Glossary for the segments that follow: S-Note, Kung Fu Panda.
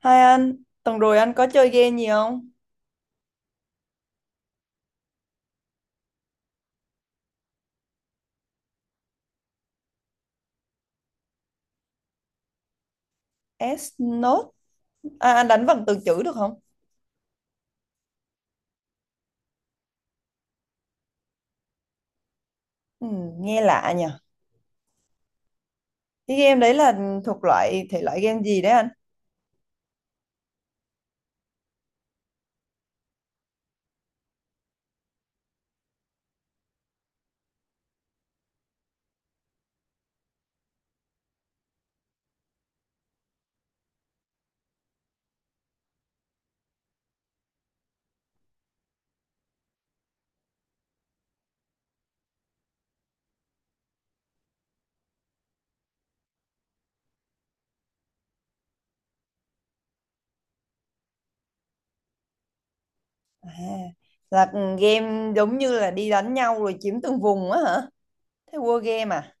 Hai anh, tuần rồi anh có chơi game gì không? S-Note, à, anh đánh vần từ chữ được không? Ừ, nghe lạ nhỉ. Cái game đấy là thuộc loại thể loại game gì đấy anh? À, là game giống như là đi đánh nhau rồi chiếm từng vùng á hả? Thế war game à?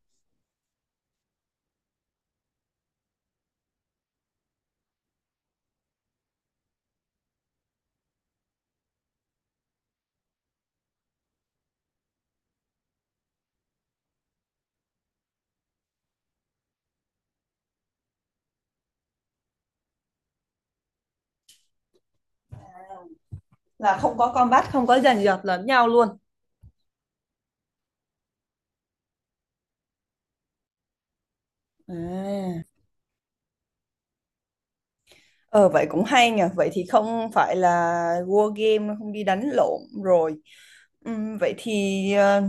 Là không có combat, không có giành giật lẫn nhau luôn. À. Ờ Vậy cũng hay nhờ. Vậy thì không phải là war game, không đi đánh lộn rồi. Vậy thì ờ,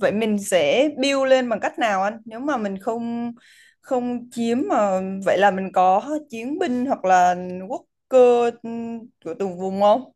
vậy mình sẽ build lên bằng cách nào anh? Nếu mà mình không, không chiếm mà, vậy là mình có chiến binh hoặc là quốc cơ, của từng vùng không?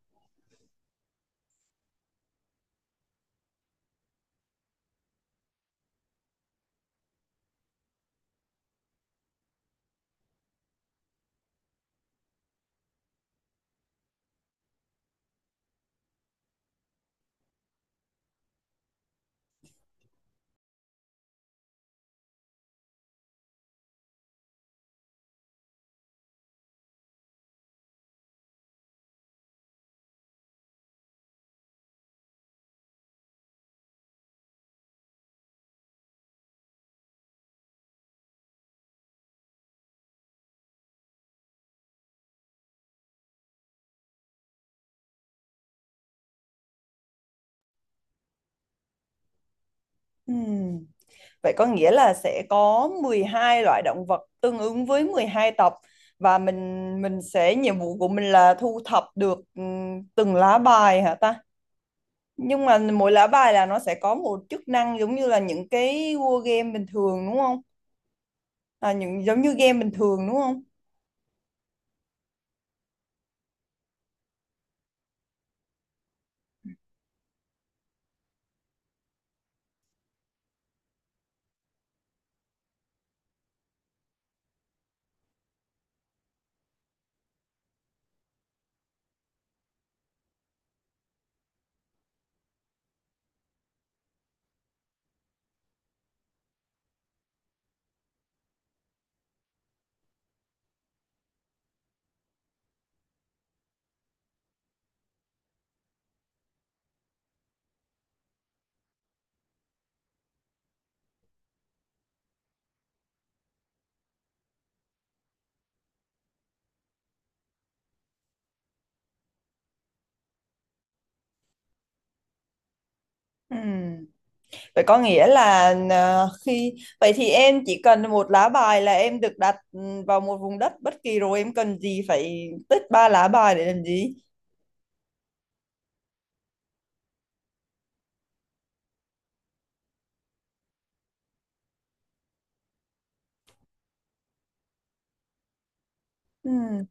Ừm, Vậy có nghĩa là sẽ có 12 loại động vật tương ứng với 12 tộc. Và mình sẽ, nhiệm vụ của mình là thu thập được từng lá bài hả ta? Nhưng mà mỗi lá bài là nó sẽ có một chức năng giống như là những cái war game bình thường đúng không? À, những giống như game bình thường đúng không? Ừm. Vậy có nghĩa là khi vậy thì em chỉ cần một lá bài là em được đặt vào một vùng đất bất kỳ rồi em cần gì phải tích ba lá bài để làm gì? Ừm.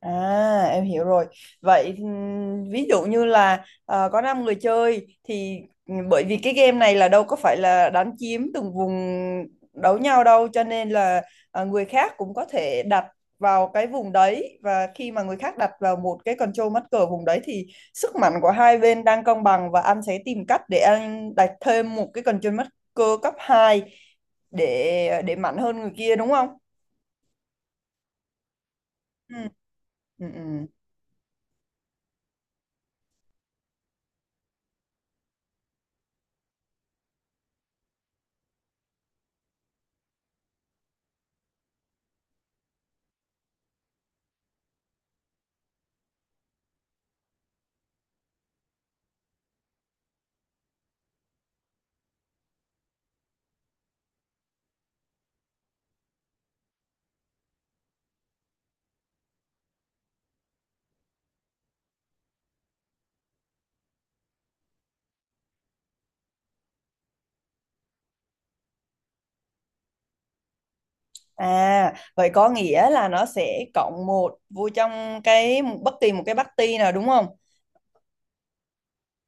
À, em hiểu rồi. Vậy ví dụ như là có 5 người chơi thì bởi vì cái game này là đâu có phải là đánh chiếm từng vùng đấu nhau đâu cho nên là người khác cũng có thể đặt vào cái vùng đấy, và khi mà người khác đặt vào một cái control mắt cờ vùng đấy thì sức mạnh của hai bên đang cân bằng và anh sẽ tìm cách để anh đặt thêm một cái control mắt cờ cấp 2 để mạnh hơn người kia đúng không? Ừ. Ừ. Ừ. À, vậy có nghĩa là nó sẽ cộng một vô trong cái bất kỳ một cái party nào đúng không?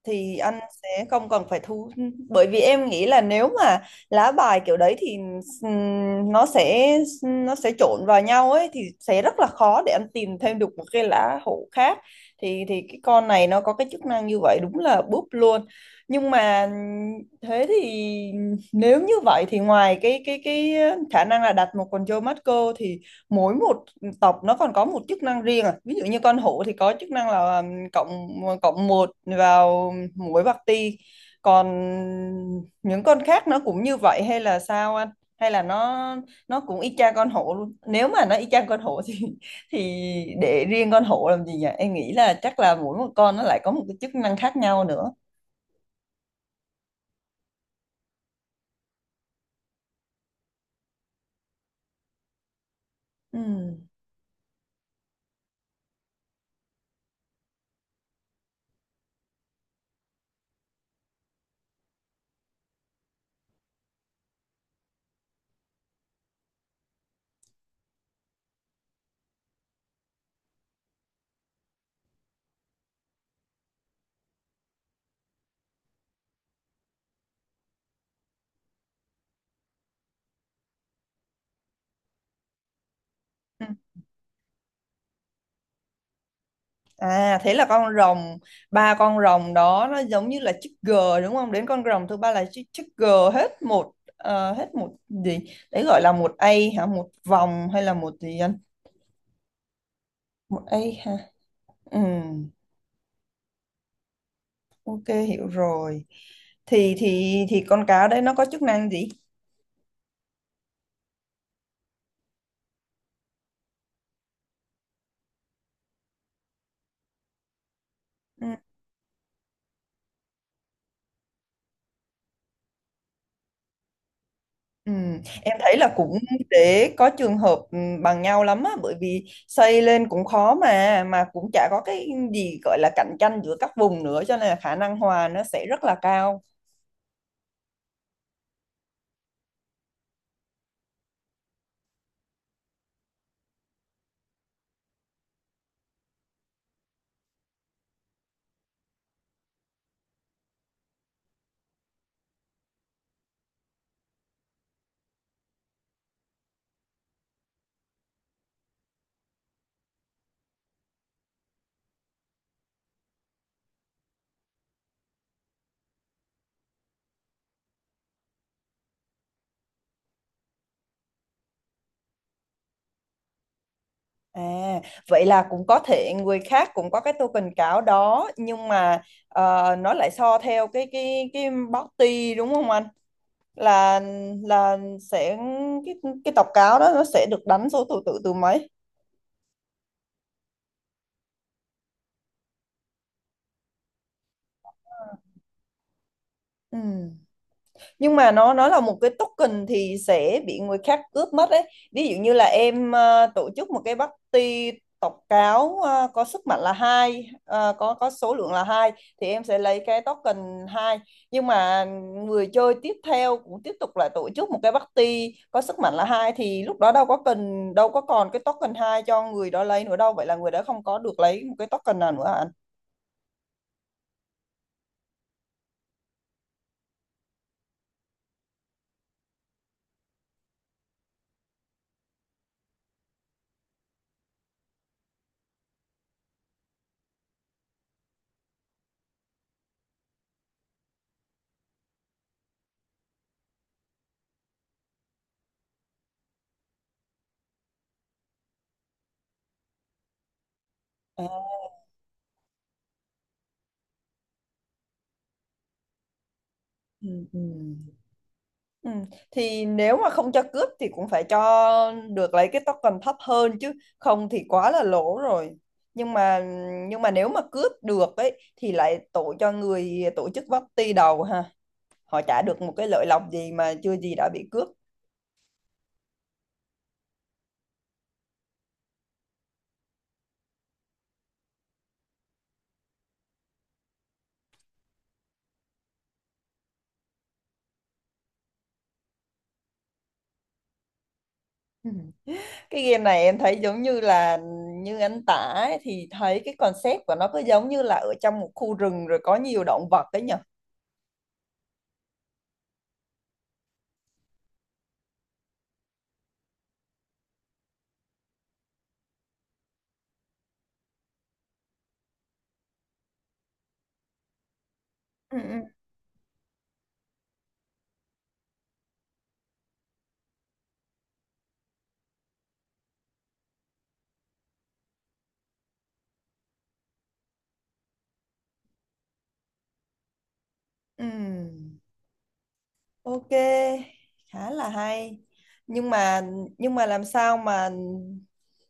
Thì anh sẽ không cần phải thu, bởi vì em nghĩ là nếu mà lá bài kiểu đấy thì ừm, nó sẽ nó sẽ trộn vào nhau ấy thì sẽ rất là khó để anh tìm thêm được một cái lá hổ khác. Thì cái con này nó có cái chức năng như vậy đúng là búp luôn. Nhưng mà thế thì nếu như vậy thì ngoài cái khả năng là đặt một con Joe Marco thì mỗi một tộc nó còn có một chức năng riêng à? Ví dụ như con hổ thì có chức năng là cộng cộng một vào muối bạc ti, còn những con khác nó cũng như vậy hay là sao anh? Hay là nó cũng y chang con hổ luôn? Nếu mà nó y chang con hổ thì thì để riêng con hổ làm gì nhỉ? Em nghĩ là chắc là mỗi một con nó lại có một cái chức năng khác nhau nữa. Ừ. Ừ. À, thế là con rồng, ba con rồng đó nó giống như là chữ G đúng không? Đến con rồng thứ ba là chữ G. Hết một, hết một gì đấy gọi là một A hả? Một vòng hay là một gì anh? Một A, ha. Ừ. Ok, hiểu rồi. Thì con cá đấy nó có chức năng gì? Ừ. Ừ. Em thấy là cũng để có trường hợp bằng nhau lắm á, bởi vì xây lên cũng khó, mà cũng chả có cái gì gọi là cạnh tranh giữa các vùng nữa cho nên là khả năng hòa nó sẽ rất là cao. À, vậy là cũng có thể người khác cũng có cái token cáo đó, nhưng mà nó lại so theo cái body đúng không anh? là là sẽ, cái cái tố cáo đó nó sẽ được đánh số thứ tự từ mấy? Ừ. Nhưng mà nó là một cái token thì sẽ bị người khác cướp mất đấy. Ví dụ như là em tổ chức một cái party tộc cáo có sức mạnh là hai, có số lượng là hai thì em sẽ lấy cái token hai. Nhưng mà người chơi tiếp theo cũng tiếp tục lại tổ chức một cái party có sức mạnh là hai thì lúc đó đâu có cần, đâu có còn cái token hai cho người đó lấy nữa đâu, vậy là người đó không có được lấy một cái token nào nữa hả anh? À, ừ, ừ. Ừ. Thì nếu mà không cho cướp thì cũng phải cho được lấy cái token thấp hơn chứ, không thì quá là lỗ rồi. Nhưng mà nhưng mà nếu mà cướp được ấy thì lại tổ cho người tổ chức party đầu ha, họ trả được một cái lợi lộc gì mà chưa gì đã bị cướp. Ừ. Cái game này em thấy giống như là, như anh tả ấy, thì thấy cái concept của nó cứ giống như là ở trong một khu rừng rồi có nhiều động vật ấy nhỉ. Ừ. Ừ, ừ. Ok, khá là hay. Nhưng mà nhưng mà làm sao mà,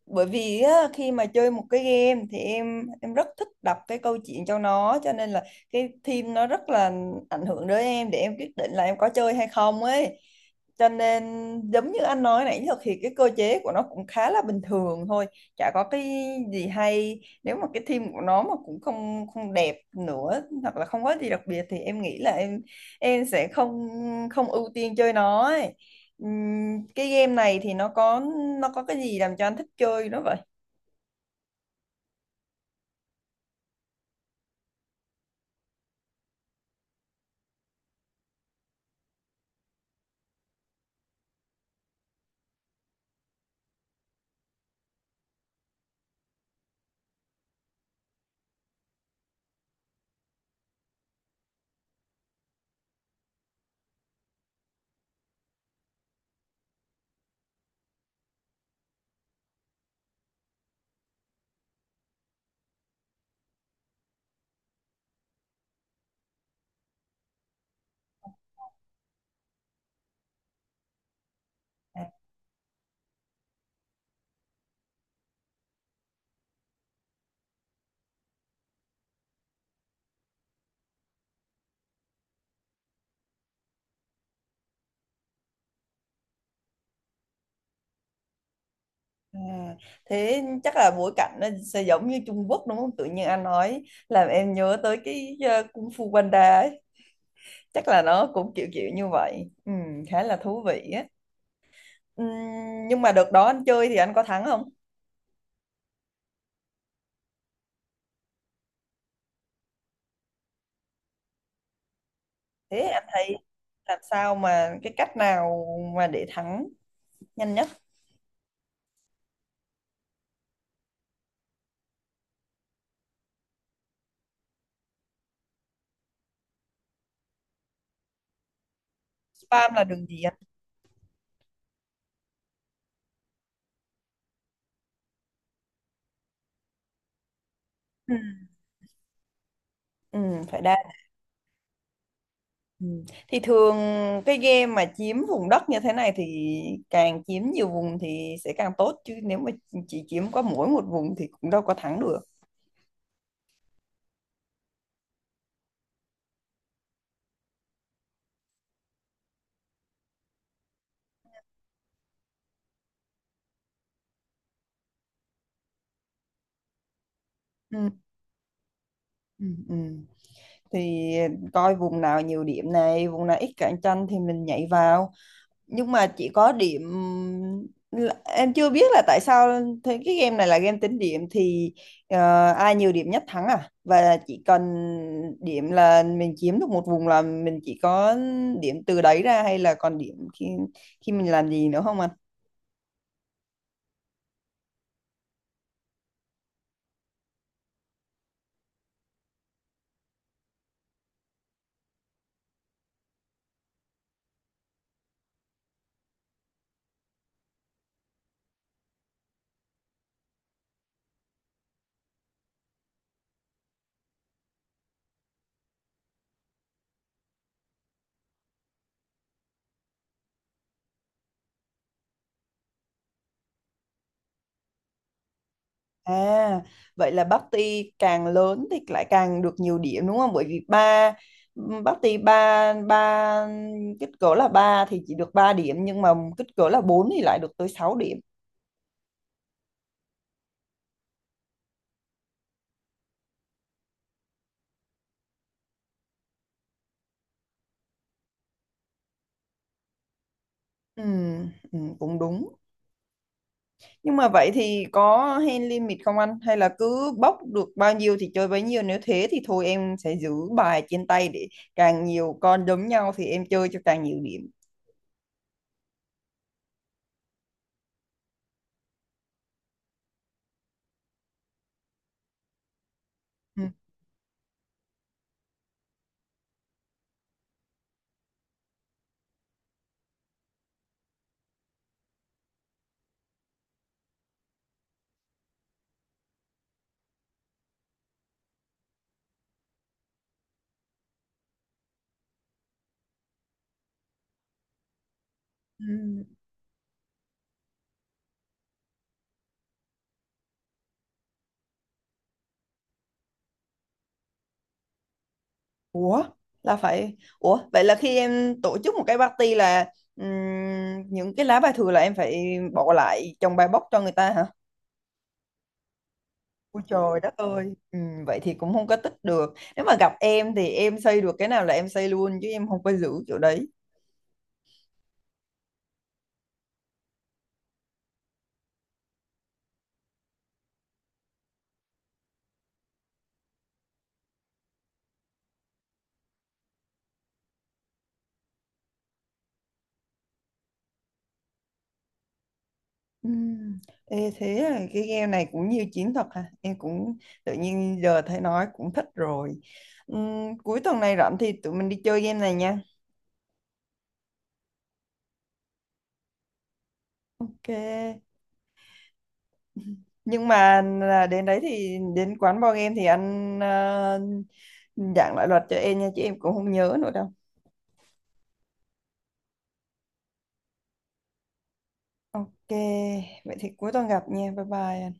bởi vì á, khi mà chơi một cái game thì em rất thích đọc cái câu chuyện cho nó, cho nên là cái theme nó rất là ảnh hưởng đến em để em quyết định là em có chơi hay không ấy. Cho nên giống như anh nói nãy giờ thì cái cơ chế của nó cũng khá là bình thường thôi, chả có cái gì hay. Nếu mà cái theme của nó mà cũng không không đẹp nữa hoặc là không có gì đặc biệt thì em nghĩ là em sẽ không không ưu tiên chơi nó ấy. Cái game này thì nó có cái gì làm cho anh thích chơi nó vậy? À, à, thế chắc là bối cảnh nó sẽ giống như Trung Quốc đúng không? Tự nhiên anh nói làm em nhớ tới cái Kung Fu Panda ấy, chắc là nó cũng kiểu kiểu như vậy. Khá là thú vị á. Ừm, nhưng mà đợt đó anh chơi thì anh có thắng không? Thế anh thấy làm sao mà, cái cách nào mà để thắng nhanh nhất? Spam là đường gì anh? Ừ, ừ, phải đa. Ừ. Thì thường cái game mà chiếm vùng đất như thế này thì càng chiếm nhiều vùng thì sẽ càng tốt chứ, nếu mà chỉ chiếm có mỗi một vùng thì cũng đâu có thắng được. Ừ. Ừ. Ừ. Thì coi vùng nào nhiều điểm này, vùng nào ít cạnh tranh thì mình nhảy vào. Nhưng mà chỉ có điểm em chưa biết là tại sao, thế cái game này là game tính điểm thì ai nhiều điểm nhất thắng à, và chỉ cần điểm là mình chiếm được một vùng là mình chỉ có điểm từ đấy ra, hay là còn điểm khi khi mình làm gì nữa không anh? À, vậy là party càng lớn thì lại càng được nhiều điểm đúng không? Bởi vì ba, party ba ba kích cỡ là ba thì chỉ được 3 điểm, nhưng mà kích cỡ là 4 thì lại được tới 6 điểm. Ừ, ừ, cũng đúng. Nhưng mà vậy thì có hand limit không anh? Hay là cứ bốc được bao nhiêu thì chơi bấy nhiêu? Nếu thế thì thôi em sẽ giữ bài trên tay, để càng nhiều con đấm nhau thì em chơi cho càng nhiều điểm. Ừ. Ừ. Ủa? Ủa? Vậy là khi em tổ chức một cái party là những cái lá bài thừa là em phải bỏ lại trong bài bốc cho người ta hả? Ôi trời đất ơi. Ừ, vậy thì cũng không có tích được. Nếu mà gặp em thì em xây được cái nào là em xây luôn chứ em không có giữ chỗ đấy. Ừm, Ê, thế là cái game này cũng nhiều chiến thuật ha, em cũng tự nhiên giờ thấy nói cũng thích rồi. Cuối tuần này rảnh thì tụi mình đi chơi game này nha. Ok. Nhưng mà là đến đấy thì đến quán board game thì anh giảng lại luật cho em nha chứ em cũng không nhớ nữa đâu. Ok, vậy thì cuối tuần gặp nha, bye bye anh.